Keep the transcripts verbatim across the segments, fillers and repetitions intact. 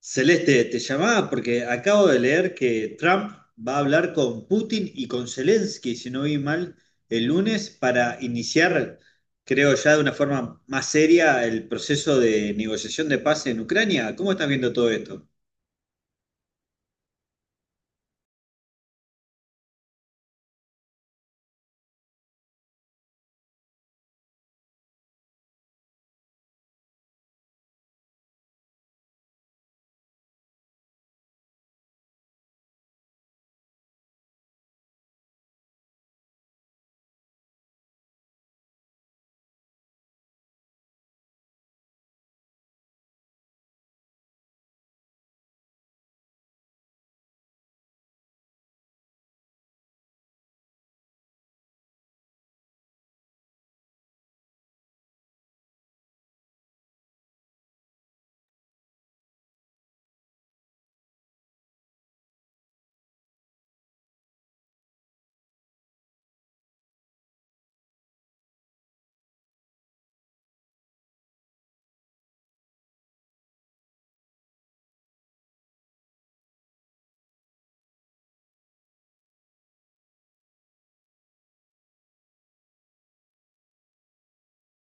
Celeste, te llamaba porque acabo de leer que Trump va a hablar con Putin y con Zelensky, si no vi mal, el lunes para iniciar, creo ya de una forma más seria, el proceso de negociación de paz en Ucrania. ¿Cómo estás viendo todo esto?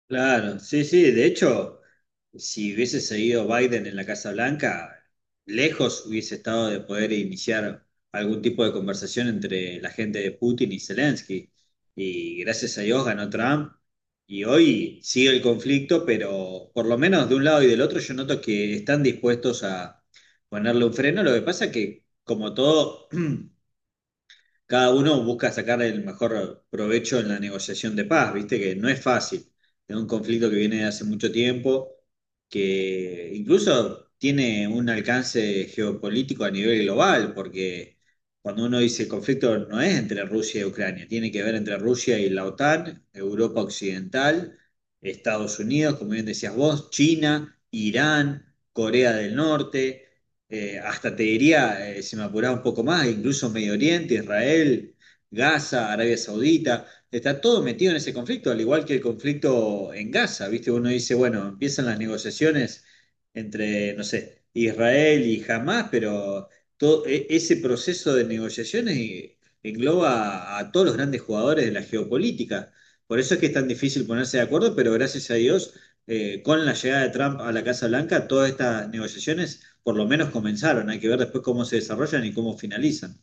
Claro, sí, sí. De hecho, si hubiese seguido Biden en la Casa Blanca, lejos hubiese estado de poder iniciar algún tipo de conversación entre la gente de Putin y Zelensky. Y gracias a Dios ganó Trump. Y hoy sigue el conflicto, pero por lo menos de un lado y del otro yo noto que están dispuestos a ponerle un freno. Lo que pasa que, como todo, cada uno busca sacar el mejor provecho en la negociación de paz, viste que no es fácil. Es un conflicto que viene de hace mucho tiempo, que incluso tiene un alcance geopolítico a nivel global, porque cuando uno dice conflicto no es entre Rusia y Ucrania, tiene que ver entre Rusia y la OTAN, Europa Occidental, Estados Unidos, como bien decías vos, China, Irán, Corea del Norte, eh, hasta te diría, eh, si me apuraba un poco más, incluso Medio Oriente, Israel, Gaza, Arabia Saudita, está todo metido en ese conflicto, al igual que el conflicto en Gaza, ¿viste? Uno dice, bueno, empiezan las negociaciones entre, no sé, Israel y Hamas, pero todo e- ese proceso de negociaciones eh, engloba a todos los grandes jugadores de la geopolítica. Por eso es que es tan difícil ponerse de acuerdo, pero gracias a Dios, eh, con la llegada de Trump a la Casa Blanca, todas estas negociaciones por lo menos comenzaron, hay que ver después cómo se desarrollan y cómo finalizan.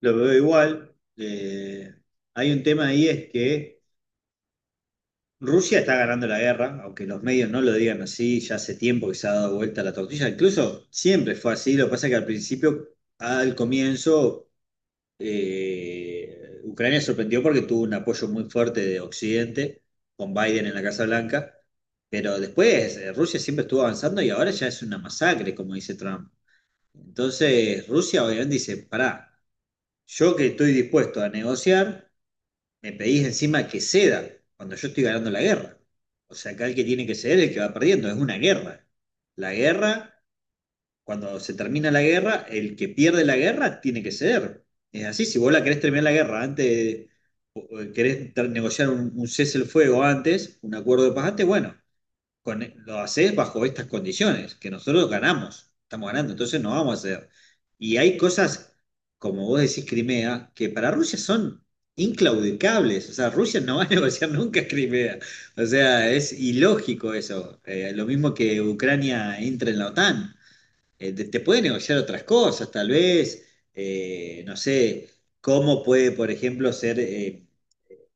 Lo veo igual, eh, hay un tema ahí es que Rusia está ganando la guerra, aunque los medios no lo digan así, ya hace tiempo que se ha dado vuelta la tortilla, incluso siempre fue así, lo que pasa es que al principio, al comienzo, eh, Ucrania sorprendió porque tuvo un apoyo muy fuerte de Occidente, con Biden en la Casa Blanca, pero después eh, Rusia siempre estuvo avanzando y ahora ya es una masacre, como dice Trump. Entonces Rusia obviamente dice, pará, yo que estoy dispuesto a negociar, me pedís encima que ceda cuando yo estoy ganando la guerra. O sea, acá el que tiene que ceder es el que va perdiendo, es una guerra. La guerra, cuando se termina la guerra, el que pierde la guerra tiene que ceder. Es así, si vos la querés terminar la guerra antes, de- o- o querés ter- negociar un, un cese el fuego antes, un acuerdo de paz antes, bueno, con- lo haces bajo estas condiciones, que nosotros ganamos, estamos ganando, entonces no vamos a hacer. Y hay cosas, como vos decís, Crimea, que para Rusia son inclaudicables, o sea, Rusia no va a negociar nunca Crimea, o sea, es ilógico eso. Eh, lo mismo que Ucrania entra en la OTAN. Eh, te, te puede negociar otras cosas, tal vez, eh, no sé, cómo puede, por ejemplo, ser... eh,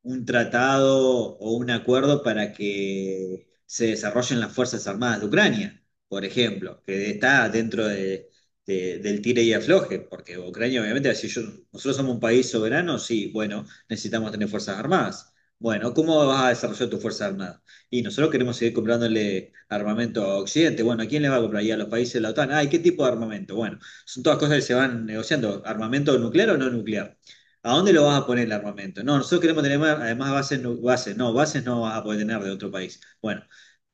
un tratado o un acuerdo para que se desarrollen las Fuerzas Armadas de Ucrania, por ejemplo, que está dentro de, de- del tire y afloje, porque Ucrania obviamente, si yo, nosotros somos un país soberano, sí, bueno, necesitamos tener Fuerzas Armadas. Bueno, ¿cómo vas a desarrollar tus Fuerzas Armadas? Y nosotros queremos seguir comprándole armamento a Occidente. Bueno, ¿a quién le va a comprar? Y a los países de la OTAN. Ay, ¿qué tipo de armamento? Bueno, son todas cosas que se van negociando. ¿Armamento nuclear o no nuclear? ¿A dónde lo vas a poner el armamento? No, nosotros queremos tener más- además bases, nu- bases, no, bases no vas a poder tener de otro país. Bueno,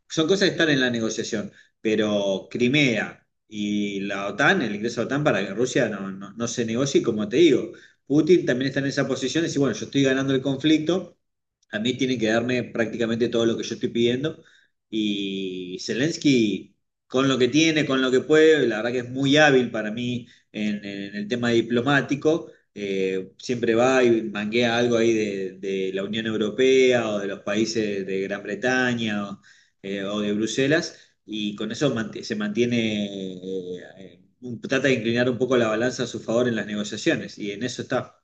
son cosas que están en la negociación, pero Crimea y la OTAN, el ingreso a la OTAN para que Rusia no, no, no se negocie, y como te digo, Putin también está en esa posición y dice, bueno, yo estoy ganando el conflicto, a mí tienen que darme prácticamente todo lo que yo estoy pidiendo y Zelensky, con lo que tiene, con lo que puede, la verdad que es muy hábil para mí en, en el tema diplomático, eh, siempre va y manguea algo ahí de, de la Unión Europea o de los países de Gran Bretaña, eh, o de Bruselas, y con eso mant- se mantiene, eh, eh, un- trata de inclinar un poco la balanza a su favor en las negociaciones, y en eso está.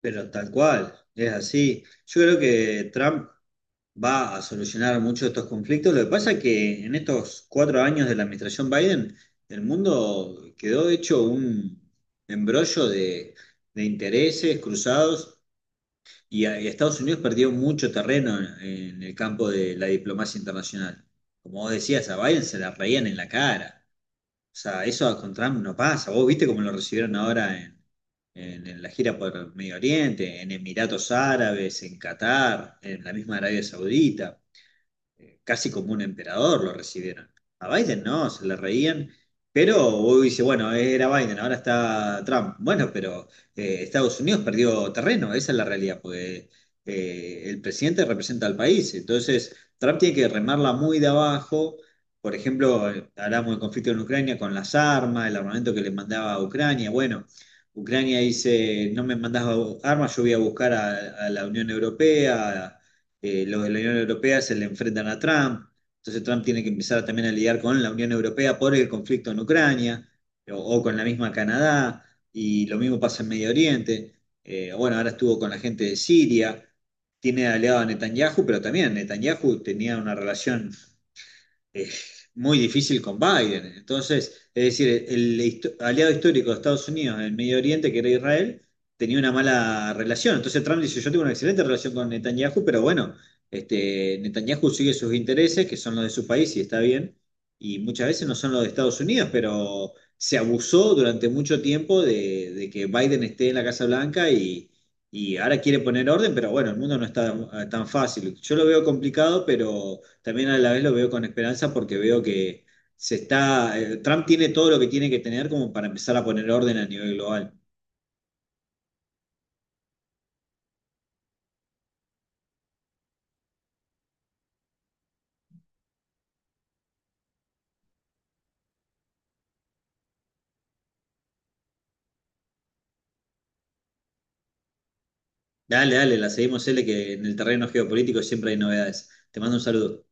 Pero tal cual, es así. Yo creo que Trump va a solucionar muchos de estos conflictos. Lo que pasa es que en estos cuatro años de la administración Biden, el mundo quedó hecho un embrollo de de intereses cruzados. Y a- Estados Unidos perdió mucho terreno en, en el campo de la diplomacia internacional. Como vos decías, a Biden se la reían en la cara. O sea, eso con Trump no pasa. Vos viste cómo lo recibieron ahora en, en- en la gira por Medio Oriente, en Emiratos Árabes, en Qatar, en la misma Arabia Saudita, eh, casi como un emperador lo recibieron. A Biden no, se le reían, pero hoy dice, bueno, era Biden, ahora está Trump. Bueno, pero eh, Estados Unidos perdió terreno, esa es la realidad, porque eh, el presidente representa al país, entonces Trump tiene que remarla muy de abajo. Por ejemplo, eh, hablamos del conflicto en Ucrania con las armas, el armamento que le mandaba a Ucrania. Bueno, Ucrania dice, no me mandas armas, yo voy a buscar a, a la Unión Europea, eh, lo de la Unión Europea se le enfrentan a Trump, entonces Trump tiene que empezar también a lidiar con la Unión Europea por el conflicto en Ucrania o, o con la misma Canadá, y lo mismo pasa en Medio Oriente, eh, bueno, ahora estuvo con la gente de Siria, tiene aliado a Netanyahu, pero también Netanyahu tenía una relación eh, muy difícil con Biden. Entonces, es decir, el histo- aliado histórico de Estados Unidos en el Medio Oriente, que era Israel, tenía una mala relación. Entonces Trump dice, yo tengo una excelente relación con Netanyahu, pero bueno, este, Netanyahu sigue sus intereses, que son los de su país y está bien, y muchas veces no son los de Estados Unidos, pero se abusó durante mucho tiempo de, de que Biden esté en la Casa Blanca y... Y ahora quiere poner orden, pero bueno, el mundo no está eh, tan fácil. Yo lo veo complicado, pero también a la vez lo veo con esperanza porque veo que se está, eh, Trump tiene todo lo que tiene que tener como para empezar a poner orden a nivel global. Dale, dale, la seguimos, L, que en el terreno geopolítico siempre hay novedades. Te mando un saludo.